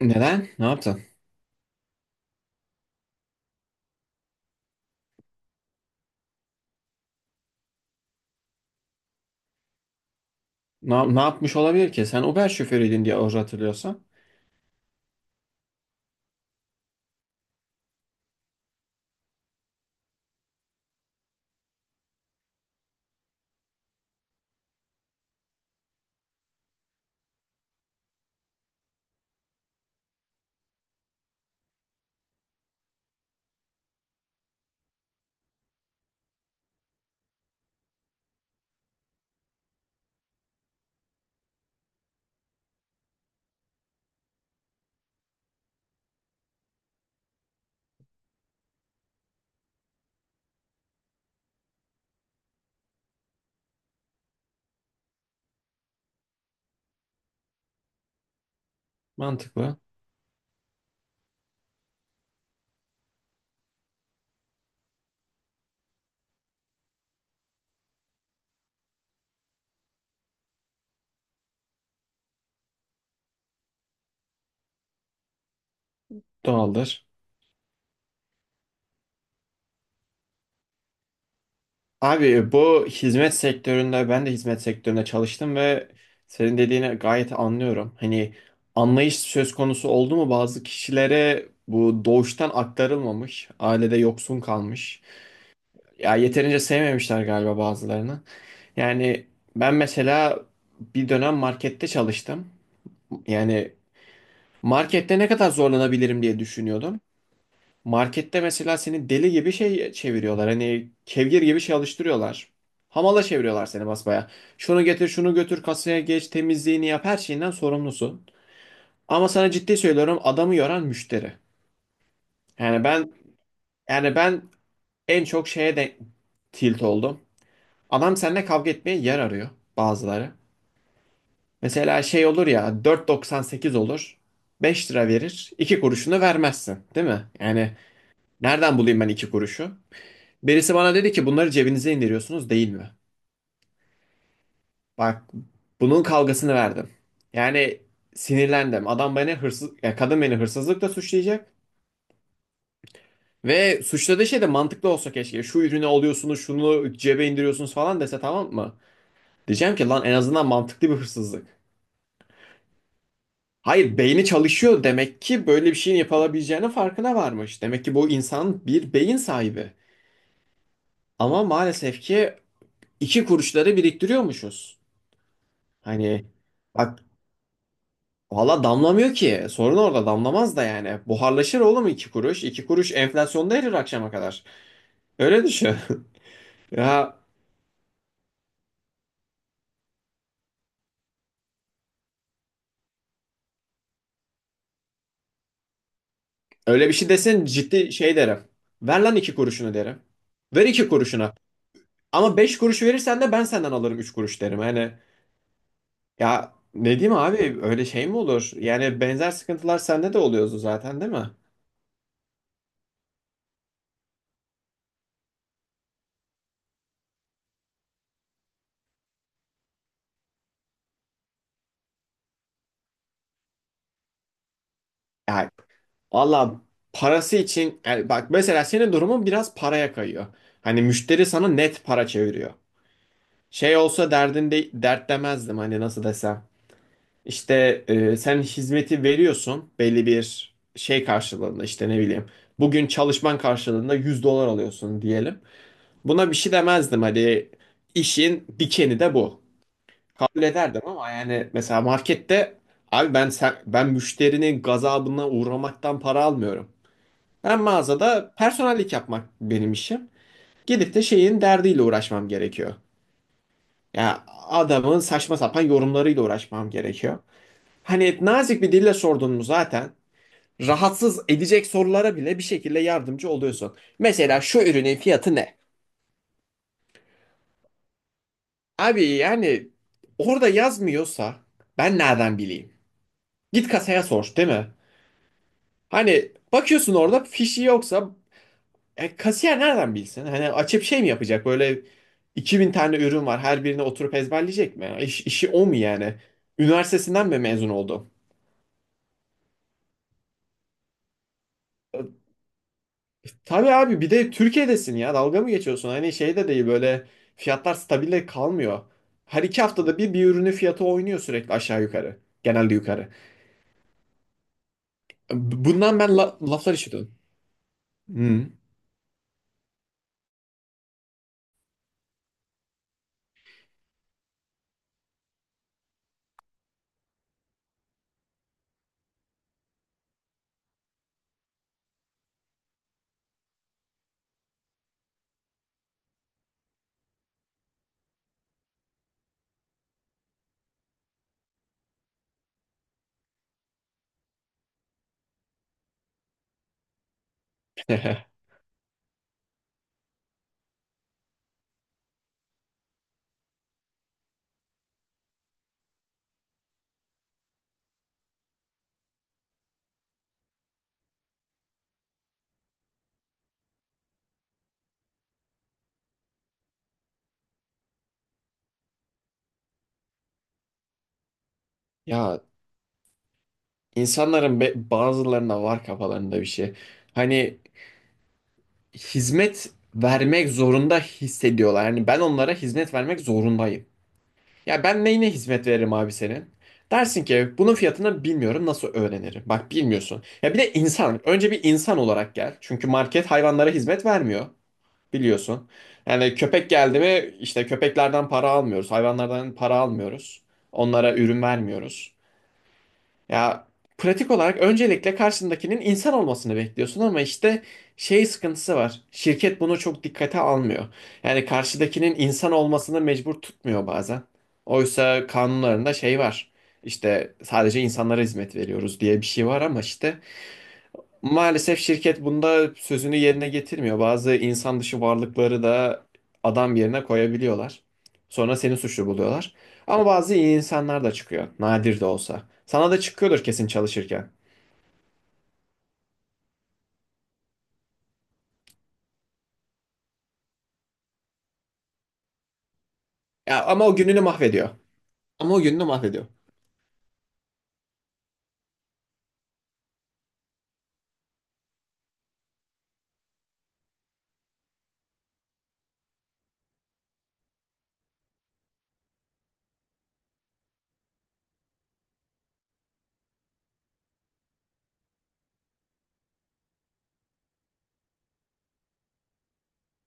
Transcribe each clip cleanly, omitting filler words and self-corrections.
Neden? Ne yaptın? Ne yapmış olabilir ki? Sen Uber şoförüydün diye orada hatırlıyorsan. Mantıklı. Doğaldır. Abi bu hizmet sektöründe ben de hizmet sektöründe çalıştım ve senin dediğini gayet anlıyorum. Hani anlayış söz konusu oldu mu bazı kişilere bu doğuştan aktarılmamış, ailede yoksun kalmış. Ya yeterince sevmemişler galiba bazılarını. Yani ben mesela bir dönem markette çalıştım. Yani markette ne kadar zorlanabilirim diye düşünüyordum. Markette mesela seni deli gibi şey çeviriyorlar. Hani kevgir gibi şey alıştırıyorlar. Hamala çeviriyorlar seni basbaya. Şunu getir, şunu götür, kasaya geç, temizliğini yap, her şeyinden sorumlusun. Ama sana ciddi söylüyorum adamı yoran müşteri. Yani ben yani ben en çok şeye de tilt oldum. Adam seninle kavga etmeye yer arıyor bazıları. Mesela şey olur ya 4,98 olur. 5 lira verir. İki kuruşunu vermezsin, değil mi? Yani nereden bulayım ben 2 kuruşu? Birisi bana dedi ki bunları cebinize indiriyorsunuz değil mi? Bak bunun kavgasını verdim. Yani sinirlendim. Adam beni hırsız, ya kadın beni hırsızlıkla suçlayacak. Ve suçladığı şey de mantıklı olsa keşke. Şu ürünü alıyorsunuz, şunu cebe indiriyorsunuz falan dese tamam mı? Diyeceğim ki lan en azından mantıklı bir hırsızlık. Hayır beyni çalışıyor demek ki böyle bir şeyin yapılabileceğinin farkına varmış. Demek ki bu insan bir beyin sahibi. Ama maalesef ki iki kuruşları biriktiriyormuşuz. Hani, bak, valla damlamıyor ki. Sorun orada damlamaz da yani. Buharlaşır oğlum iki kuruş. İki kuruş enflasyonda erir akşama kadar. Öyle düşün. Ya öyle bir şey desen ciddi şey derim. Ver lan iki kuruşunu derim. Ver iki kuruşuna. Ama beş kuruş verirsen de ben senden alırım üç kuruş derim. Yani ya ne diyeyim abi, öyle şey mi olur? Yani benzer sıkıntılar sende de oluyordu zaten değil mi? Ya valla, parası için yani bak mesela senin durumun biraz paraya kayıyor. Hani müşteri sana net para çeviriyor. Şey olsa derdinde dert demezdim hani nasıl desem. İşte sen hizmeti veriyorsun belli bir şey karşılığında işte ne bileyim. Bugün çalışman karşılığında 100 dolar alıyorsun diyelim. Buna bir şey demezdim hani işin dikeni de bu. Kabul ederdim ama yani mesela markette abi ben sen, ben müşterinin gazabına uğramaktan para almıyorum. Ben mağazada personellik yapmak benim işim. Gidip de şeyin derdiyle uğraşmam gerekiyor. Ya adamın saçma sapan yorumlarıyla uğraşmam gerekiyor. Hani nazik bir dille sordun mu zaten rahatsız edecek sorulara bile bir şekilde yardımcı oluyorsun. Mesela şu ürünün fiyatı ne? Abi yani orada yazmıyorsa ben nereden bileyim? Git kasaya sor, değil mi? Hani bakıyorsun orada fişi yoksa kasiyer nereden bilsin? Hani açıp şey mi yapacak? Böyle 2000 tane ürün var. Her birine oturup ezberleyecek mi? İş, işi o mu yani? Üniversitesinden mi mezun oldu? Tabii abi bir de Türkiye'desin ya, dalga mı geçiyorsun? Hani şey de değil, böyle fiyatlar stabil kalmıyor. Her iki haftada bir bir ürünün fiyatı oynuyor sürekli aşağı yukarı. Genelde yukarı. Bundan ben laflar işitiyordum. Hmm. Ya insanların bazılarına var kafalarında bir şey. Hani hizmet vermek zorunda hissediyorlar. Yani ben onlara hizmet vermek zorundayım. Ya ben neyine hizmet veririm abi senin? Dersin ki bunun fiyatını bilmiyorum nasıl öğrenirim? Bak bilmiyorsun. Ya bir de insan. Önce bir insan olarak gel. Çünkü market hayvanlara hizmet vermiyor. Biliyorsun. Yani köpek geldi mi işte köpeklerden para almıyoruz. Hayvanlardan para almıyoruz. Onlara ürün vermiyoruz. Ya pratik olarak öncelikle karşındakinin insan olmasını bekliyorsun ama işte şey sıkıntısı var. Şirket bunu çok dikkate almıyor. Yani karşıdakinin insan olmasını mecbur tutmuyor bazen. Oysa kanunlarında şey var. İşte sadece insanlara hizmet veriyoruz diye bir şey var ama işte maalesef şirket bunda sözünü yerine getirmiyor. Bazı insan dışı varlıkları da adam yerine koyabiliyorlar. Sonra seni suçlu buluyorlar. Ama bazı iyi insanlar da çıkıyor. Nadir de olsa. Sana da çıkıyordur kesin çalışırken. Ya ama o gününü mahvediyor. Ama o gününü mahvediyor.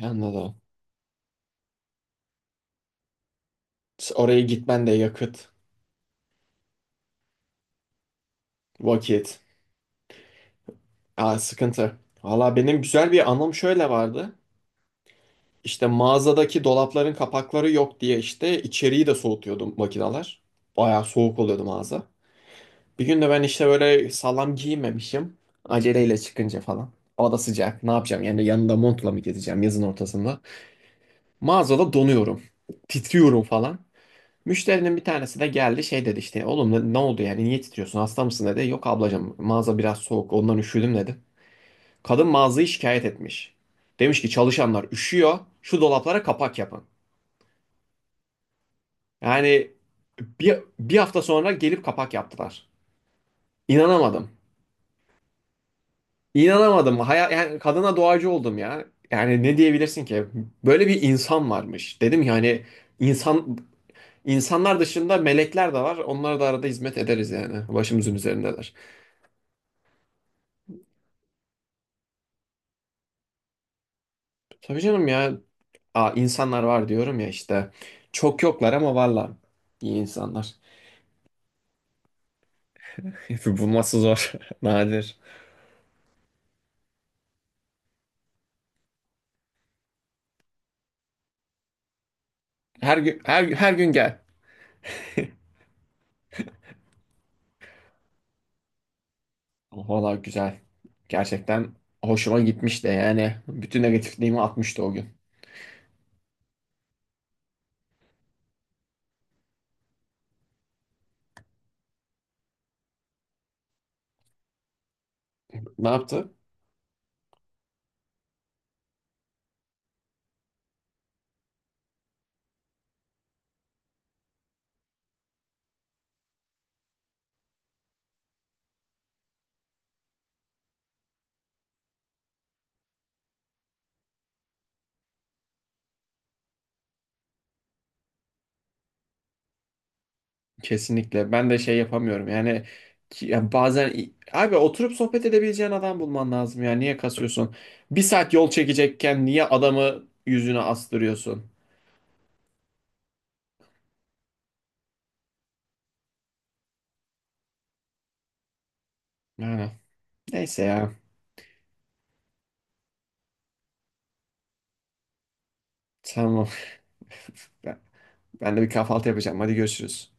Anladım. Da. Oraya gitmen de yakıt, vakit. Aa, sıkıntı. Valla benim güzel bir anım şöyle vardı. İşte mağazadaki dolapların kapakları yok diye işte içeriği de soğutuyordu makineler. Bayağı soğuk oluyordu mağaza. Bir gün de ben işte böyle sağlam giyinmemişim. Aceleyle çıkınca falan. Hava da sıcak. Ne yapacağım? Yani yanında montla mı gezeceğim yazın ortasında? Mağazada donuyorum. Titriyorum falan. Müşterinin bir tanesi de geldi şey dedi işte oğlum ne oldu yani niye titriyorsun hasta mısın dedi. Yok ablacığım mağaza biraz soğuk ondan üşüdüm dedi. Kadın mağazayı şikayet etmiş. Demiş ki çalışanlar üşüyor şu dolaplara kapak yapın. Yani bir hafta sonra gelip kapak yaptılar. İnanamadım. İnanamadım. Yani kadına doğacı oldum ya. Yani ne diyebilirsin ki? Böyle bir insan varmış. Dedim ya hani insan insanlar dışında melekler de var. Onlara da arada hizmet ederiz yani. Başımızın üzerindeler. Tabii canım ya. Aa, insanlar var diyorum ya işte. Çok yoklar ama varlar. İyi insanlar. Bulması zor. Nadir. Her gün gel. Valla güzel. Gerçekten hoşuma gitmişti yani. Bütün negatifliğimi atmıştı o gün. Ne yaptı? Kesinlikle. Ben de şey yapamıyorum. Yani, ya bazen abi oturup sohbet edebileceğin adam bulman lazım ya. Niye kasıyorsun? Bir saat yol çekecekken niye adamı yüzüne astırıyorsun? Yani neyse ya. Tamam. Ben, ben de bir kahvaltı yapacağım. Hadi görüşürüz.